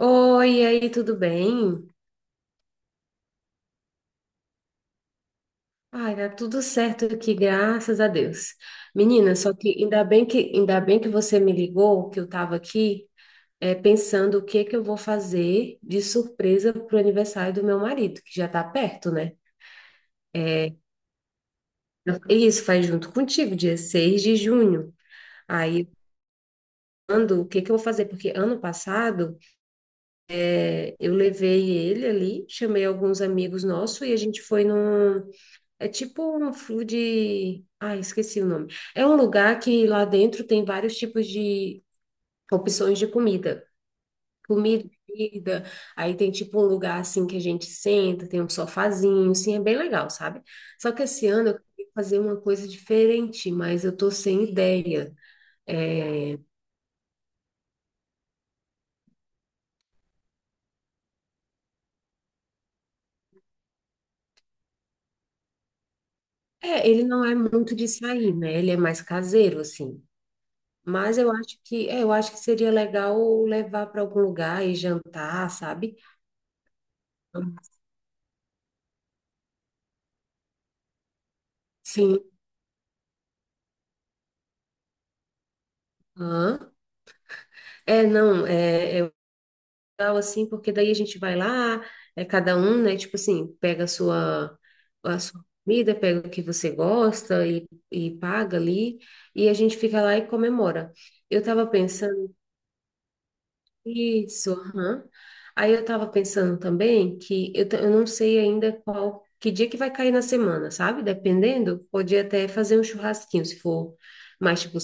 Oi, e aí, tudo bem? Ai, tá tudo certo aqui, graças a Deus. Menina, só que ainda bem que você me ligou, que eu estava aqui pensando o que que eu vou fazer de surpresa pro aniversário do meu marido, que já tá perto, né? E isso faz junto contigo, dia 6 de junho. Aí, quando, o que que eu vou fazer? Porque ano passado eu levei ele ali, chamei alguns amigos nossos e a gente foi num. É tipo um food. Ah, esqueci o nome. É um lugar que lá dentro tem vários tipos de opções de comida. Comida, bebida. Aí tem tipo um lugar assim que a gente senta, tem um sofazinho, assim, é bem legal, sabe? Só que esse ano eu queria fazer uma coisa diferente, mas eu tô sem ideia. É. É, ele não é muito de sair, né? Ele é mais caseiro, assim. Mas eu acho que, é, eu acho que seria legal levar para algum lugar e jantar, sabe? Sim. Aham. É, não, é legal assim, porque daí a gente vai lá, é cada um, né? Tipo assim, pega a sua comida, pega o que você gosta e paga ali, e a gente fica lá e comemora. Eu tava pensando isso, aham. Aí eu tava pensando também que eu não sei ainda qual, que dia que vai cair na semana, sabe? Dependendo, podia até fazer um churrasquinho, se for mais tipo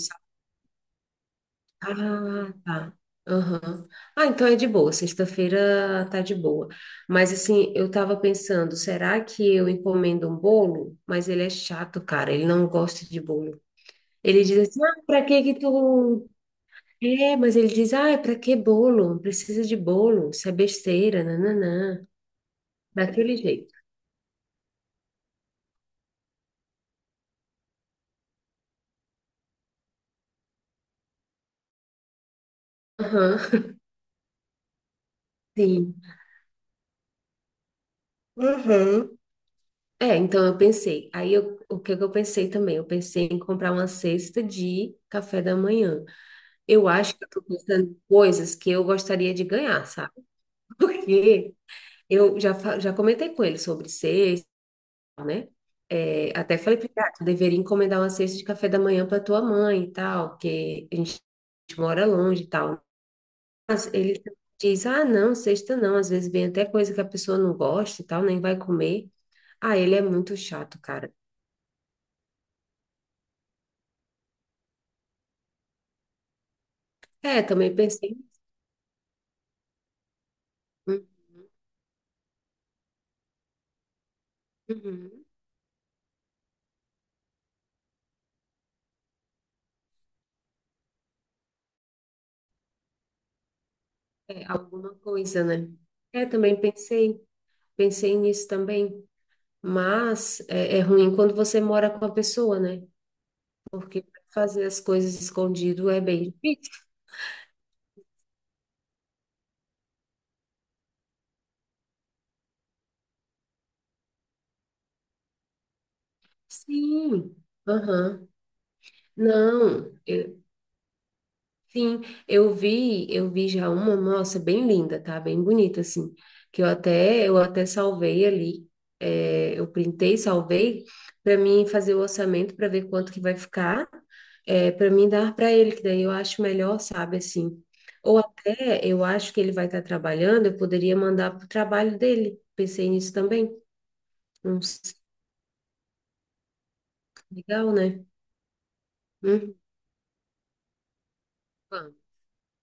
Ah, tá. Aham. Ah, então é de boa. Sexta-feira tá de boa. Mas assim, eu tava pensando, será que eu encomendo um bolo? Mas ele é chato, cara. Ele não gosta de bolo. Ele diz assim, ah, pra que que tu. É, mas ele diz, ah, é pra que bolo? Não precisa de bolo. Isso é besteira, nananã. Daquele jeito. Aham, sim. Uhum. É, então eu pensei. O que que eu pensei também? Eu pensei em comprar uma cesta de café da manhã. Eu acho que eu tô pensando em coisas que eu gostaria de ganhar, sabe? Porque eu já comentei com ele sobre cesta, né? É, até falei para ele, ah, tu deveria encomendar uma cesta de café da manhã para tua mãe e tal, que a gente mora longe e tal. Mas ele diz, ah, não, cesta não, às vezes vem até coisa que a pessoa não gosta e tal, nem vai comer. Ah, ele é muito chato, cara. É, também pensei. Hum. Uhum. É, alguma coisa, né? É, também pensei, pensei nisso também. Mas é, é ruim quando você mora com a pessoa, né? Porque fazer as coisas escondido é bem difícil. Sim. Aham. Não. Sim, eu vi já uma, nossa, bem linda, tá? Bem bonita, assim, que eu até salvei ali, é, eu printei, salvei, para mim fazer o orçamento para ver quanto que vai ficar, é, para mim dar para ele, que daí eu acho melhor, sabe, assim. Ou até eu acho que ele vai estar trabalhando, eu poderia mandar pro trabalho dele. Pensei nisso também. Não sei, legal, né? Hum, vamos.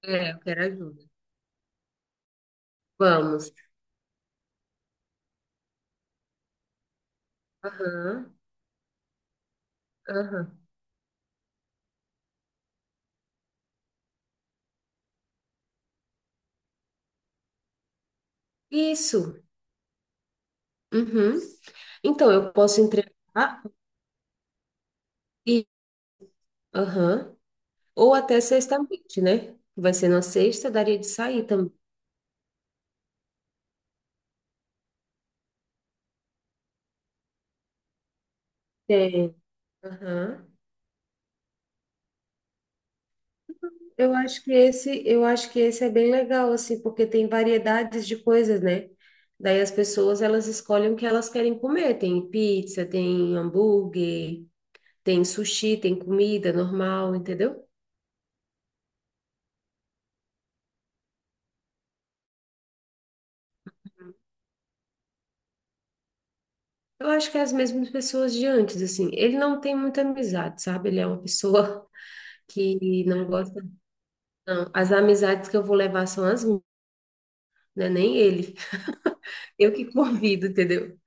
É, eu quero ajuda. Vamos. Aham, aham. Isso. Uhum. Então, eu posso entregar e, aham, ou até sexta-noite, né? Vai ser na sexta, daria de sair também. Tem. Aham. Eu acho que esse, eu acho que esse é bem legal, assim, porque tem variedades de coisas, né? Daí as pessoas, elas escolhem o que elas querem comer. Tem pizza, tem hambúrguer, tem sushi, tem comida normal, entendeu? Eu acho que é as mesmas pessoas de antes, assim. Ele não tem muita amizade, sabe? Ele é uma pessoa que não gosta. Não, as amizades que eu vou levar são as minhas, né? Nem ele. Eu que convido, entendeu?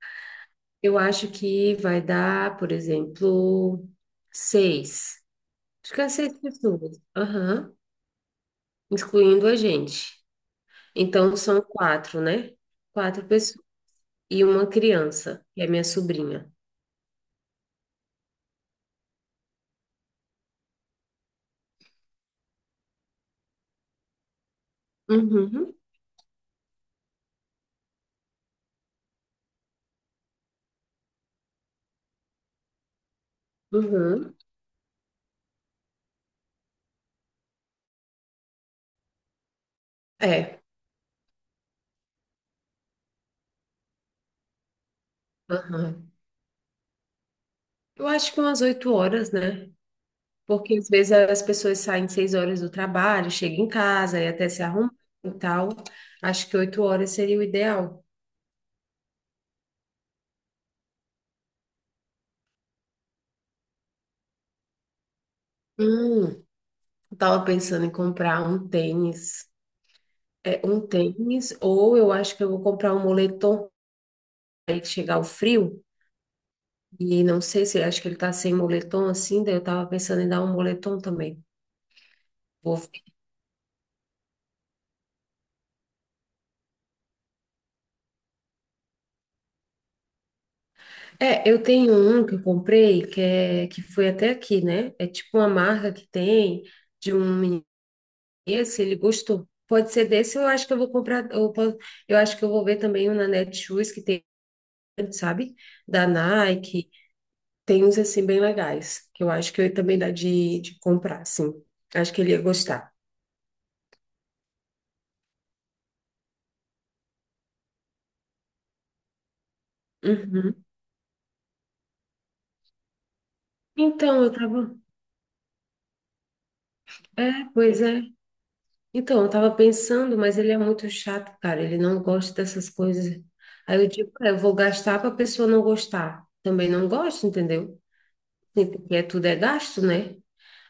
Eu acho que vai dar, por exemplo, seis. Acho que é seis pessoas. Aham. Incluindo a gente. Então são quatro, né? Quatro pessoas. E uma criança, que é minha sobrinha. Uhum. Uhum. É. Aham. Eu acho que umas 8 horas, né? Porque às vezes as pessoas saem 6 horas do trabalho, chegam em casa e até se arrumam e tal. Acho que 8 horas seria o ideal. Hum, eu tava pensando em comprar um tênis. É, um tênis, ou eu acho que eu vou comprar um moletom aí que chegar o frio. E não sei se acho que ele tá sem moletom assim, daí eu tava pensando em dar um moletom também. Vou ver. É, eu tenho um que eu comprei que é que foi até aqui, né? É tipo uma marca que tem de um menino se ele gostou. Pode ser desse, eu acho que eu vou comprar. Eu acho que eu vou ver também um na Netshoes que tem, sabe? Da Nike. Tem uns assim bem legais, que eu acho que eu também dá de comprar, sim. Acho que ele ia gostar. Uhum. Então, eu tava. É, pois é. Então, eu tava pensando, mas ele é muito chato, cara. Ele não gosta dessas coisas. Aí eu digo, é, eu vou gastar para a pessoa não gostar. Também não gosta, entendeu? Sim, porque é- tudo é gasto, né?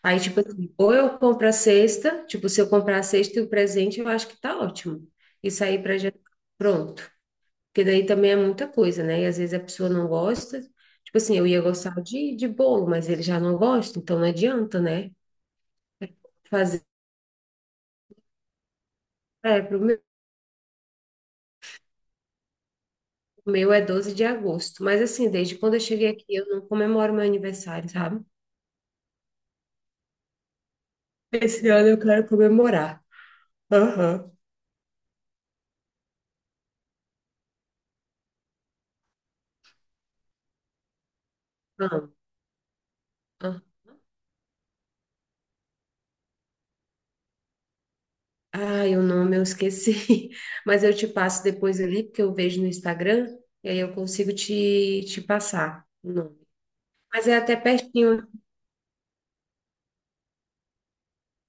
Aí, tipo assim, ou eu compro a cesta, tipo, se eu comprar a cesta e o presente, eu acho que tá ótimo. Isso aí pra já pronto. Porque daí também é muita coisa, né? E às vezes a pessoa não gosta. Tipo assim, eu ia gostar de bolo, mas ele já não gosta, então não adianta, né? Fazer. É, pro meu, o meu é 12 de agosto. Mas assim, desde quando eu cheguei aqui, eu não comemoro meu aniversário, sabe? Esse ano eu quero comemorar. Aham. Não. Ai, o nome eu esqueci, mas eu te passo depois ali, porque eu vejo no Instagram, e aí eu consigo te, te passar o nome. Mas é até pertinho,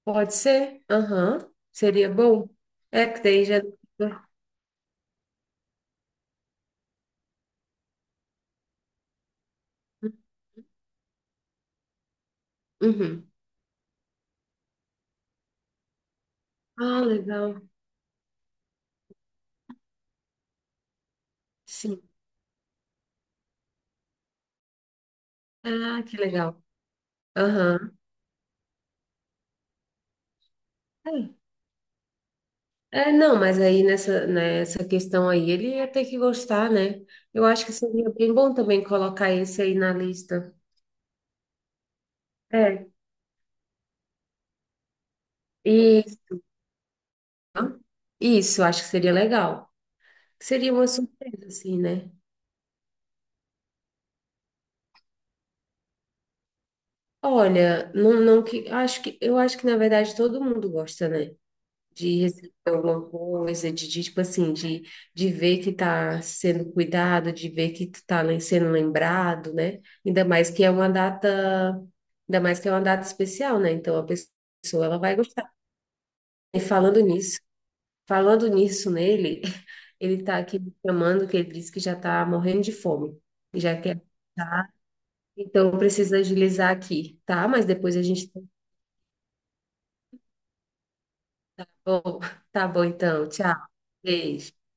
pode ser? Aham. Seria bom? É que daí já. Uhum. Ah, legal, sim. Ah, que legal. Aham. É, É, não, mas aí nessa, nessa questão aí ele ia ter que gostar, né? Eu acho que seria bem bom também colocar esse aí na lista. É. E isso, eu acho que seria legal. Seria uma surpresa, assim, né? Olha, não, não que, acho que, eu acho que, na verdade, todo mundo gosta, né? De receber alguma coisa, de, tipo assim, de ver que tá sendo cuidado, de ver que tu tá sendo lembrado, né? Ainda mais que é uma data, ainda mais que é uma data especial, né? Então, a pessoa, ela vai gostar. E falando nisso nele, ele tá aqui me chamando, que ele disse que já tá morrendo de fome, já quer. Então, eu preciso agilizar aqui, tá? Mas depois a gente. Tá bom, tá bom então. Tchau. Beijo.